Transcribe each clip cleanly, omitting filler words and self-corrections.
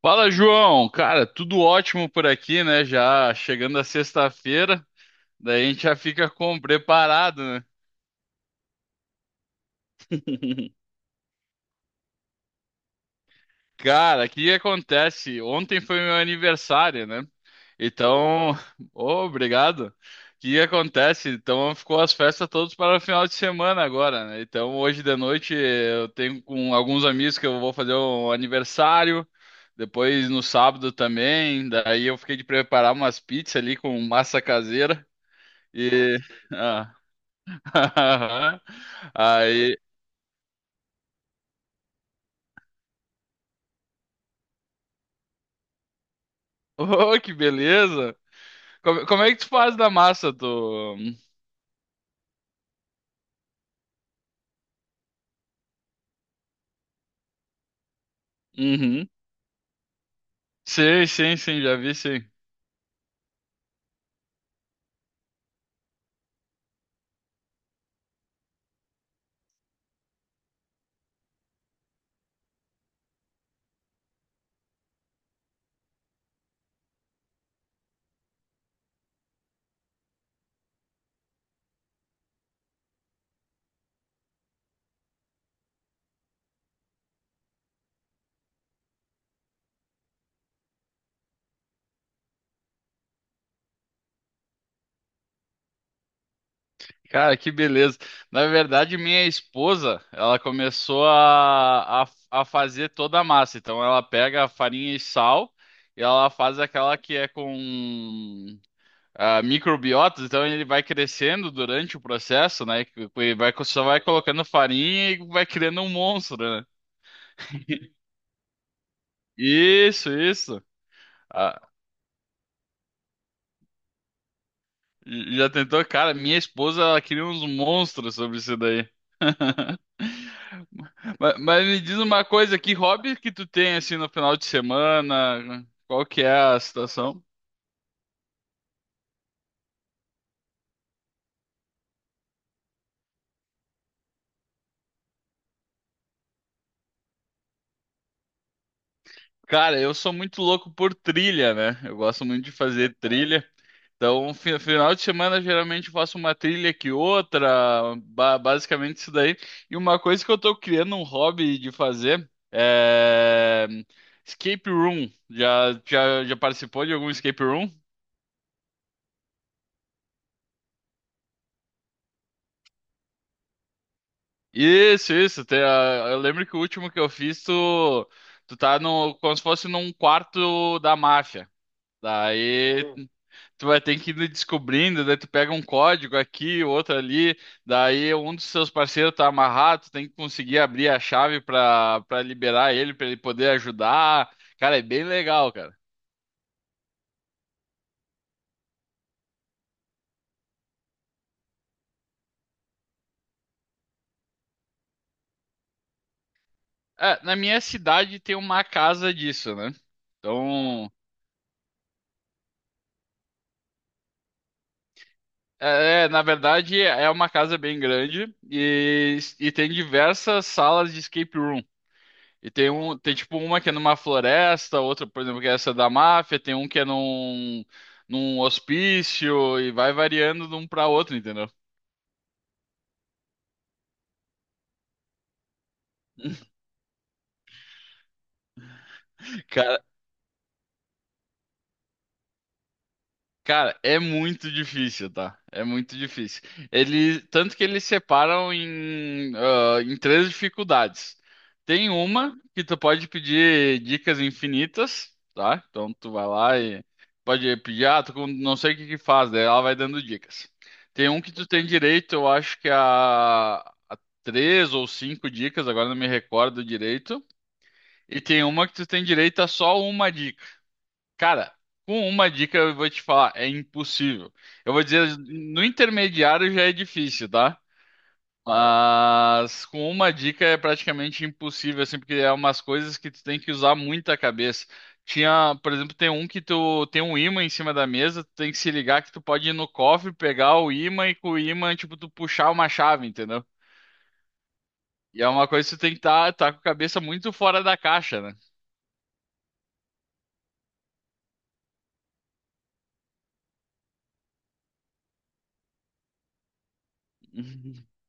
Fala, João. Cara, tudo ótimo por aqui, né? Já chegando a sexta-feira, daí a gente já fica com preparado, né? Cara, o que acontece? Ontem foi meu aniversário, né? Então, ô, obrigado. O que acontece? Então, ficou as festas todas para o final de semana agora, né? Então, hoje de noite eu tenho com alguns amigos que eu vou fazer um aniversário. Depois no sábado também. Daí eu fiquei de preparar umas pizzas ali com massa caseira. E. Ah. Aí. Oh, que beleza! Como é que tu faz da massa do. Uhum. Sim, sim, sim, já vi, sim. Cara, que beleza. Na verdade, minha esposa, ela começou a fazer toda a massa. Então, ela pega a farinha e sal e ela faz aquela que é com microbiotas. Então, ele vai crescendo durante o processo, né? E vai, só vai colocando farinha e vai criando um monstro, né? Isso, isso. Ah, já tentou? Cara, minha esposa, ela queria uns monstros sobre isso daí. Mas me diz uma coisa, que hobby que tu tem, assim, no final de semana? Qual que é a situação? Cara, eu sou muito louco por trilha, né? Eu gosto muito de fazer trilha. Então, um final de semana, geralmente eu faço uma trilha que outra, basicamente isso daí. E uma coisa que eu tô criando um hobby de fazer é escape room. Já participou de algum escape room? Isso, isso. Eu lembro que o último que eu fiz, tu tá no, como se fosse num quarto da máfia. Daí tu vai ter que ir descobrindo, daí tu pega um código aqui, outro ali, daí um dos seus parceiros tá amarrado, tu tem que conseguir abrir a chave pra liberar ele, pra ele poder ajudar. Cara, é bem legal, cara. É, na minha cidade tem uma casa disso, né? Então, é, na verdade, é uma casa bem grande e tem diversas salas de escape room. E tem tipo uma que é numa floresta, outra, por exemplo, que é essa da máfia, tem um que é num hospício e vai variando de um pra outro, entendeu? Cara, Cara, é muito difícil, tá? É muito difícil. Tanto que eles separam em três dificuldades. Tem uma que tu pode pedir dicas infinitas, tá? Então tu vai lá e pode pedir, não sei o que que faz, daí ela vai dando dicas. Tem um que tu tem direito, eu acho que é a três ou cinco dicas, agora não me recordo direito. E tem uma que tu tem direito a só uma dica. Cara, com uma dica eu vou te falar, é impossível. Eu vou dizer, no intermediário já é difícil, tá? Mas com uma dica é praticamente impossível, assim, porque é umas coisas que tu tem que usar muita cabeça. Tinha, por exemplo, tem um que tu tem um ímã em cima da mesa, tu tem que se ligar que tu pode ir no cofre, pegar o ímã e com o ímã, tipo, tu puxar uma chave, entendeu? E é uma coisa que tu tem que tá com a cabeça muito fora da caixa, né?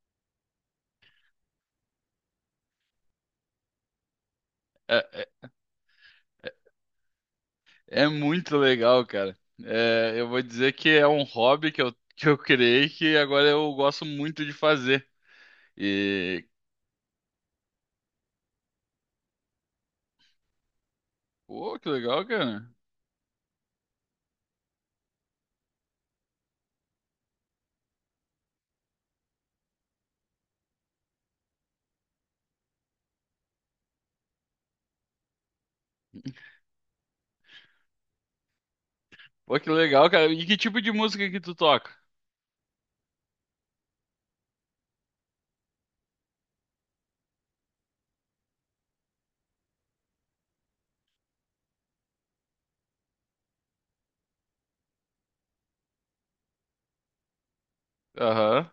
É muito legal, cara. É, eu vou dizer que é um hobby que eu criei que agora eu gosto muito de fazer. E. Pô, que legal, cara. Pô, que legal, cara. E que tipo de música que tu toca? Aham.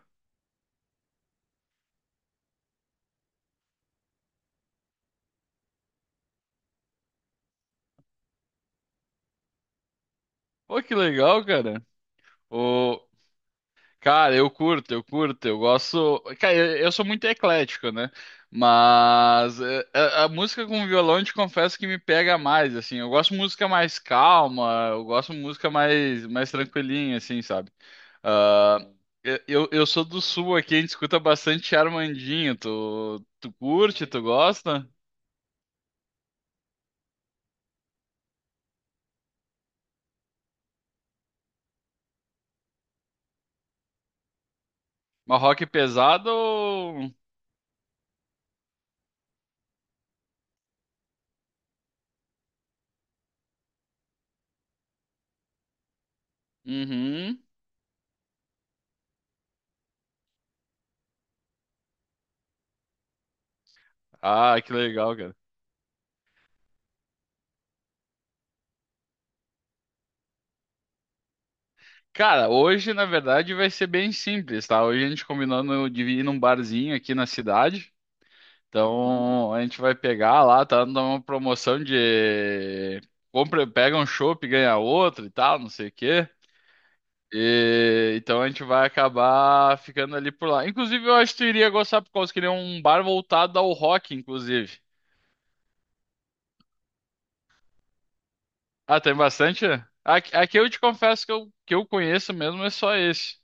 Pô, que legal, cara. Ô, cara, eu curto, eu gosto. Cara, eu sou muito eclético, né? Mas é, a música com violão, eu te confesso que me pega mais, assim. Eu gosto de música mais calma, eu gosto de música mais tranquilinha, assim, sabe? Ah, eu sou do sul aqui, a gente escuta bastante Armandinho. Tu curte, tu gosta? Mas rock pesado? Uhum. Ah, que legal, cara. Cara, hoje na verdade vai ser bem simples, tá? Hoje a gente combinando de ir num barzinho aqui na cidade. Então a gente vai pegar lá, tá dando uma promoção de compra, pega um chopp e ganha outro e tal, não sei o quê. E, então a gente vai acabar ficando ali por lá. Inclusive, eu acho que tu iria gostar por causa que ele é um bar voltado ao rock, inclusive. Ah, tem bastante? Aqui eu te confesso que eu conheço mesmo é só esse.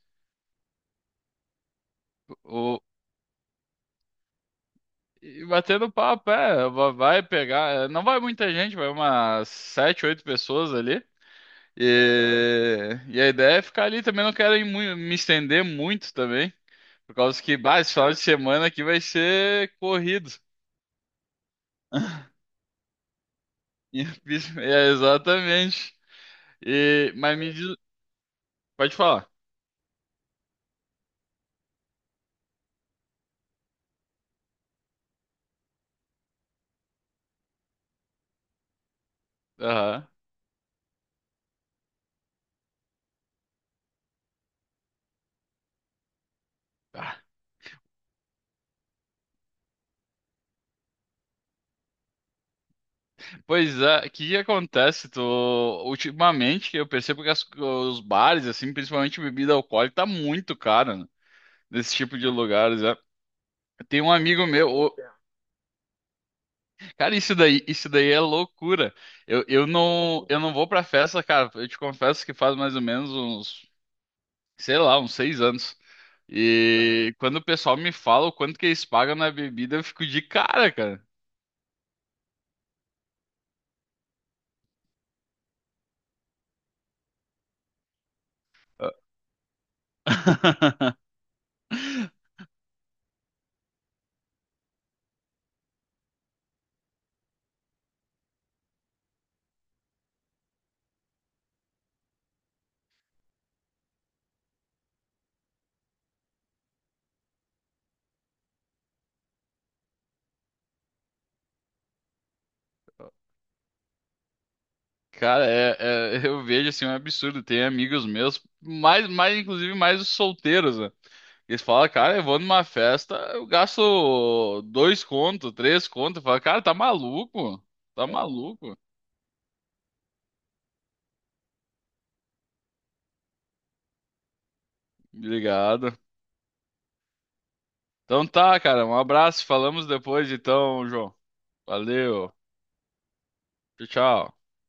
E batendo papo, é, vai pegar, é, não vai muita gente, vai umas sete, oito pessoas ali. E a ideia é ficar ali também, não quero ir me estender muito também, por causa que, bah, esse final de semana aqui vai ser corrido. É, exatamente. E, mas me diz, pode falar. Aham. Ah. Pois é, o que que acontece? Ultimamente eu percebo que os bares, assim, principalmente bebida alcoólica, tá muito caro, desse tipo de lugares, é. Tem um amigo meu, cara, isso daí é loucura. Eu não vou pra festa, cara. Eu te confesso que faz mais ou menos uns, sei lá, uns 6 anos. E quando o pessoal me fala o quanto que eles pagam na bebida, eu fico de cara, cara. Cara, eu vejo assim um absurdo. Tem amigos meus, mais inclusive mais os solteiros, né? Eles falam, cara, eu vou numa festa, eu gasto dois conto, três conto. Fala, cara, tá maluco? Tá maluco? Obrigado. Então tá, cara, um abraço. Falamos depois, então, João. Valeu. Tchau, tchau.